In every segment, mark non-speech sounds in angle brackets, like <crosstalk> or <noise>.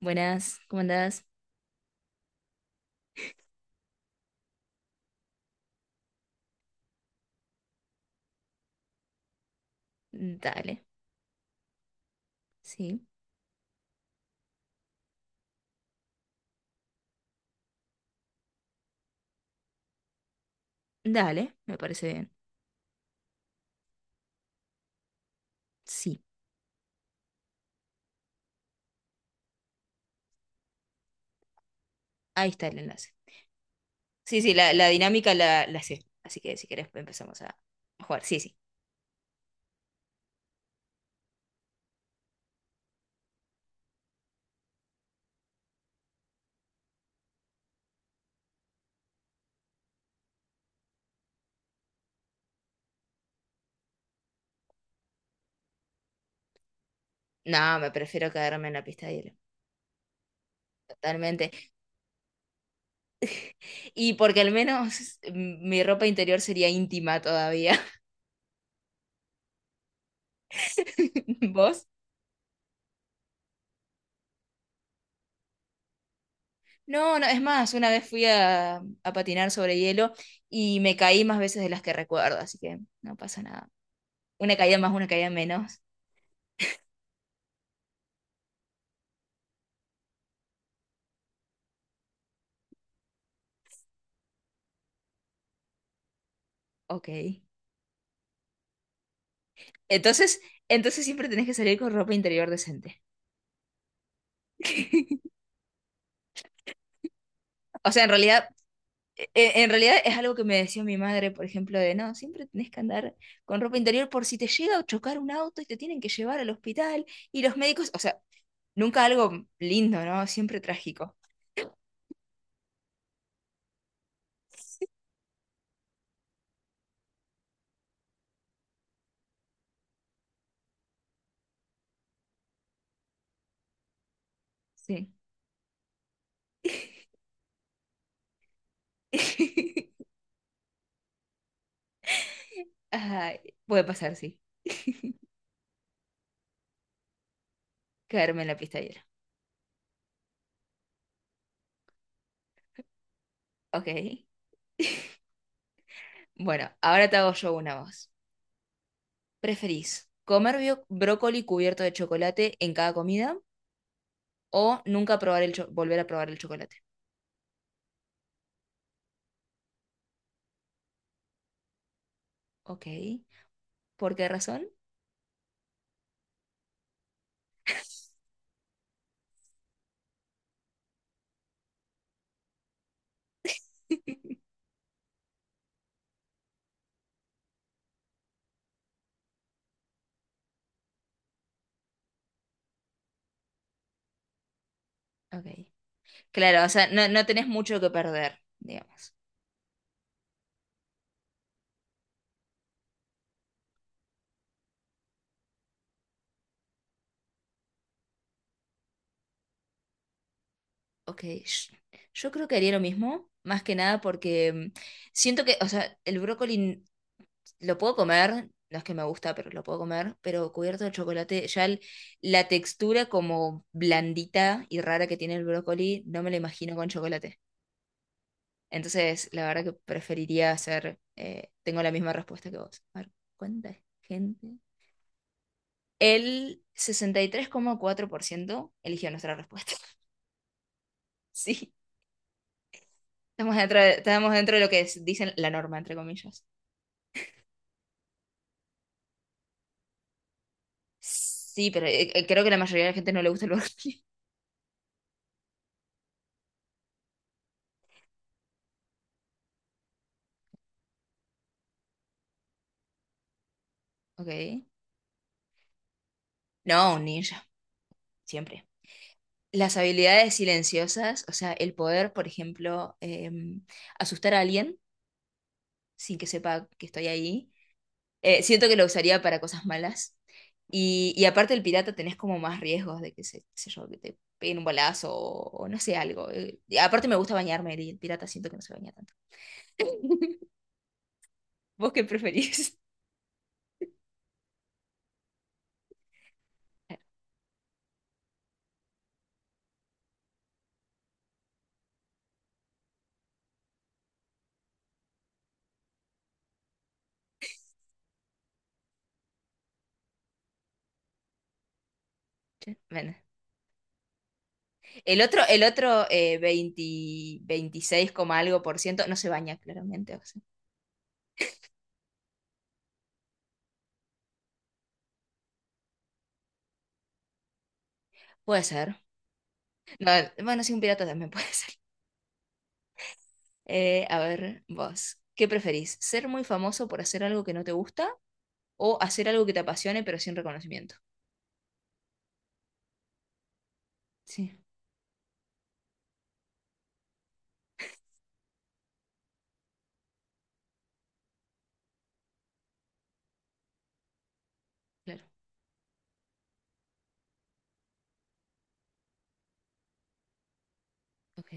Buenas, ¿cómo andás? Dale, sí. Dale, me parece bien. Sí, ahí está el enlace. Sí, sí, la dinámica la sé. Así que si querés empezamos a jugar. Sí, sí. No, me prefiero quedarme en la pista de hielo. Totalmente. Y porque al menos mi ropa interior sería íntima todavía. <laughs> ¿Vos? No, no, es más, una vez fui a patinar sobre hielo y me caí más veces de las que recuerdo, así que no pasa nada. Una caída más, una caída menos. Ok. Entonces, entonces siempre tenés que salir con ropa interior decente. <laughs> O sea, en realidad es algo que me decía mi madre, por ejemplo, de no, siempre tenés que andar con ropa interior por si te llega a chocar un auto y te tienen que llevar al hospital y los médicos, o sea, nunca algo lindo, ¿no? Siempre trágico. Sí. <laughs> Ay, puede pasar, sí. Caerme en la pista de hielo. Ok. Bueno, ahora te hago yo una voz. ¿Preferís comer brócoli cubierto de chocolate en cada comida? O nunca probar volver a probar el chocolate. Ok. ¿Por qué razón? Ok. Claro, o sea, no, no tenés mucho que perder, digamos. Ok. Yo creo que haría lo mismo, más que nada porque siento que, o sea, el brócoli lo puedo comer, no es que me gusta, pero lo puedo comer, pero cubierto de chocolate, ya la textura como blandita y rara que tiene el brócoli, no me la imagino con chocolate. Entonces, la verdad que preferiría hacer, tengo la misma respuesta que vos. A ver, ¿cuánta gente? El 63,4% eligió nuestra respuesta. <laughs> Sí, estamos dentro de lo que dicen la norma, entre comillas. Sí, pero creo que la mayoría de la gente no le gusta el brócoli. <laughs> Ok. No, un ninja, siempre. Las habilidades silenciosas, o sea, el poder, por ejemplo, asustar a alguien sin que sepa que estoy ahí. Siento que lo usaría para cosas malas. Y aparte el pirata tenés como más riesgos de que se, qué sé yo, que te peguen un balazo o no sé, algo. Y aparte me gusta bañarme y el pirata siento que no se baña tanto. <laughs> ¿Vos qué preferís? <laughs> Bueno. El otro 20 26, coma algo por ciento no se baña claramente. O sea, puede ser. No, bueno, sí, un pirata también <laughs> puede ser. A ver, vos, ¿qué preferís? ¿Ser muy famoso por hacer algo que no te gusta o hacer algo que te apasione pero sin reconocimiento? Sí, claro. Ok.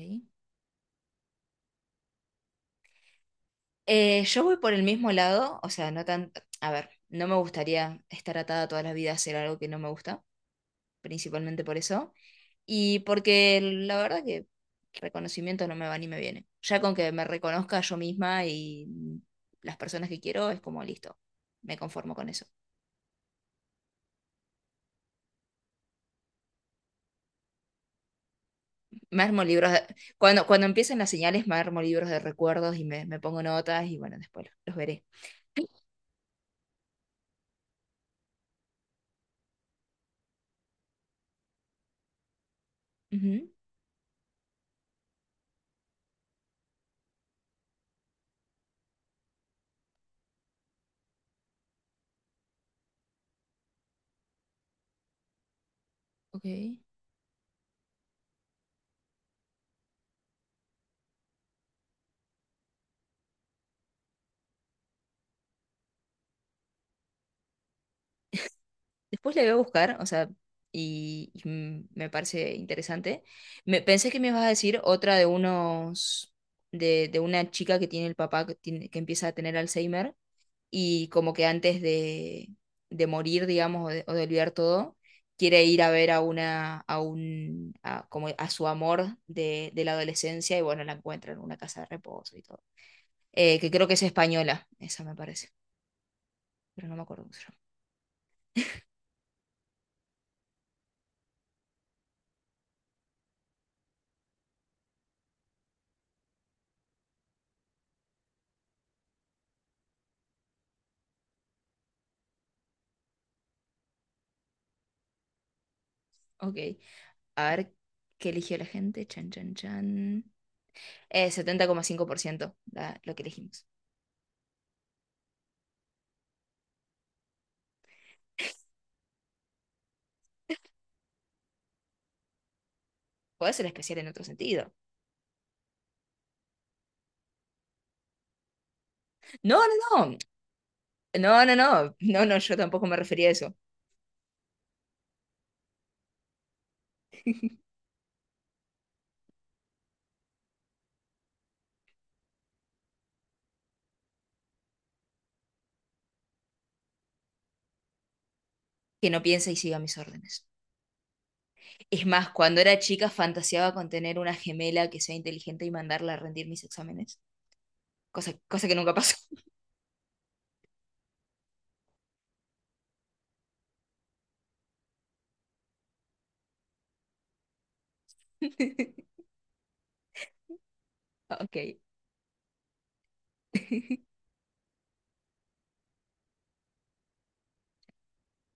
Yo voy por el mismo lado, o sea, no tan... A ver, no me gustaría estar atada toda la vida a hacer algo que no me gusta, principalmente por eso. Y porque la verdad que reconocimiento no me va ni me viene. Ya con que me reconozca yo misma y las personas que quiero, es como listo. Me conformo con eso. Me armo libros de- Cuando empiecen las señales, me armo libros de recuerdos y me pongo notas y bueno, después los veré. Ujú, Ok. Después le voy a buscar, o sea, me parece interesante. Pensé que me ibas a decir otra de una chica que tiene el papá que empieza a tener Alzheimer y como que antes de morir, digamos, o de olvidar todo, quiere ir a ver a una, a un, a, como a su amor de la adolescencia y bueno, la encuentra en una casa de reposo y todo. Que creo que es española, esa me parece, pero no me acuerdo cómo se llama. Ok. A ver, ¿qué eligió la gente? Chan, chan, chan. Setenta coma cinco por ciento lo que elegimos. Puede ser especial en otro sentido. No, no, no. No, no, no. No, no, yo tampoco me refería a eso. Que no piensa y siga mis órdenes. Es más, cuando era chica fantaseaba con tener una gemela que sea inteligente y mandarla a rendir mis exámenes. Cosa que nunca pasó. <laughs> Ok. <laughs>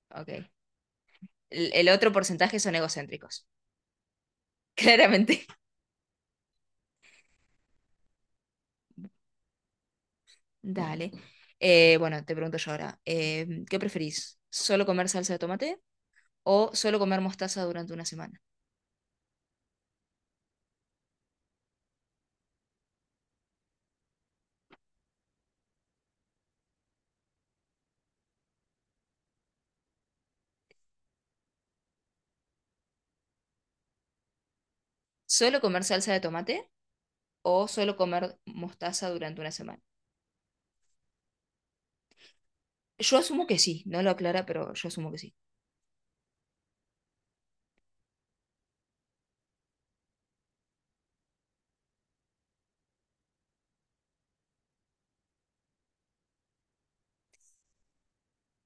Ok. El otro porcentaje son egocéntricos. <laughs> Claramente. Dale. Bueno, te pregunto yo ahora, ¿qué preferís? ¿Solo comer salsa de tomate o solo comer mostaza durante una semana? ¿Solo comer salsa de tomate o solo comer mostaza durante una semana? Yo asumo que sí, no lo aclara, pero yo asumo que sí.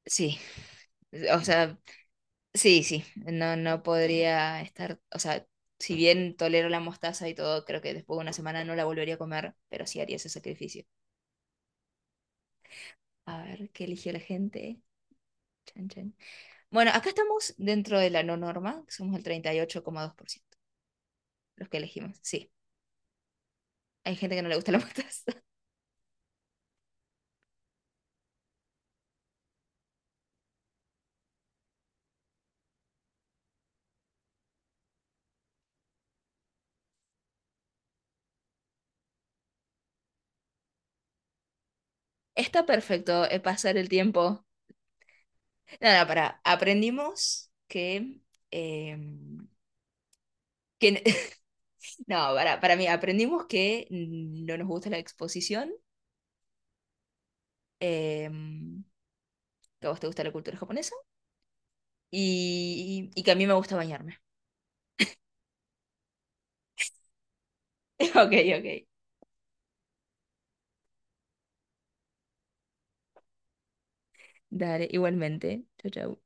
Sí, o sea, sí, sí, no, no podría estar, o sea, si bien tolero la mostaza y todo, creo que después de una semana no la volvería a comer, pero sí haría ese sacrificio. A ver, ¿qué eligió la gente? Chan, chan. Bueno, acá estamos dentro de la no norma, que somos el 38,2% los que elegimos. Sí, hay gente que no le gusta la mostaza. <laughs> Está perfecto pasar el tiempo. Nada, aprendimos que. Eh, que <laughs> no, para mí, aprendimos que no nos gusta la exposición, que a vos te gusta la cultura japonesa y que a mí me gusta bañarme. <laughs> Ok, ok. Dale, igualmente. Chau, chau.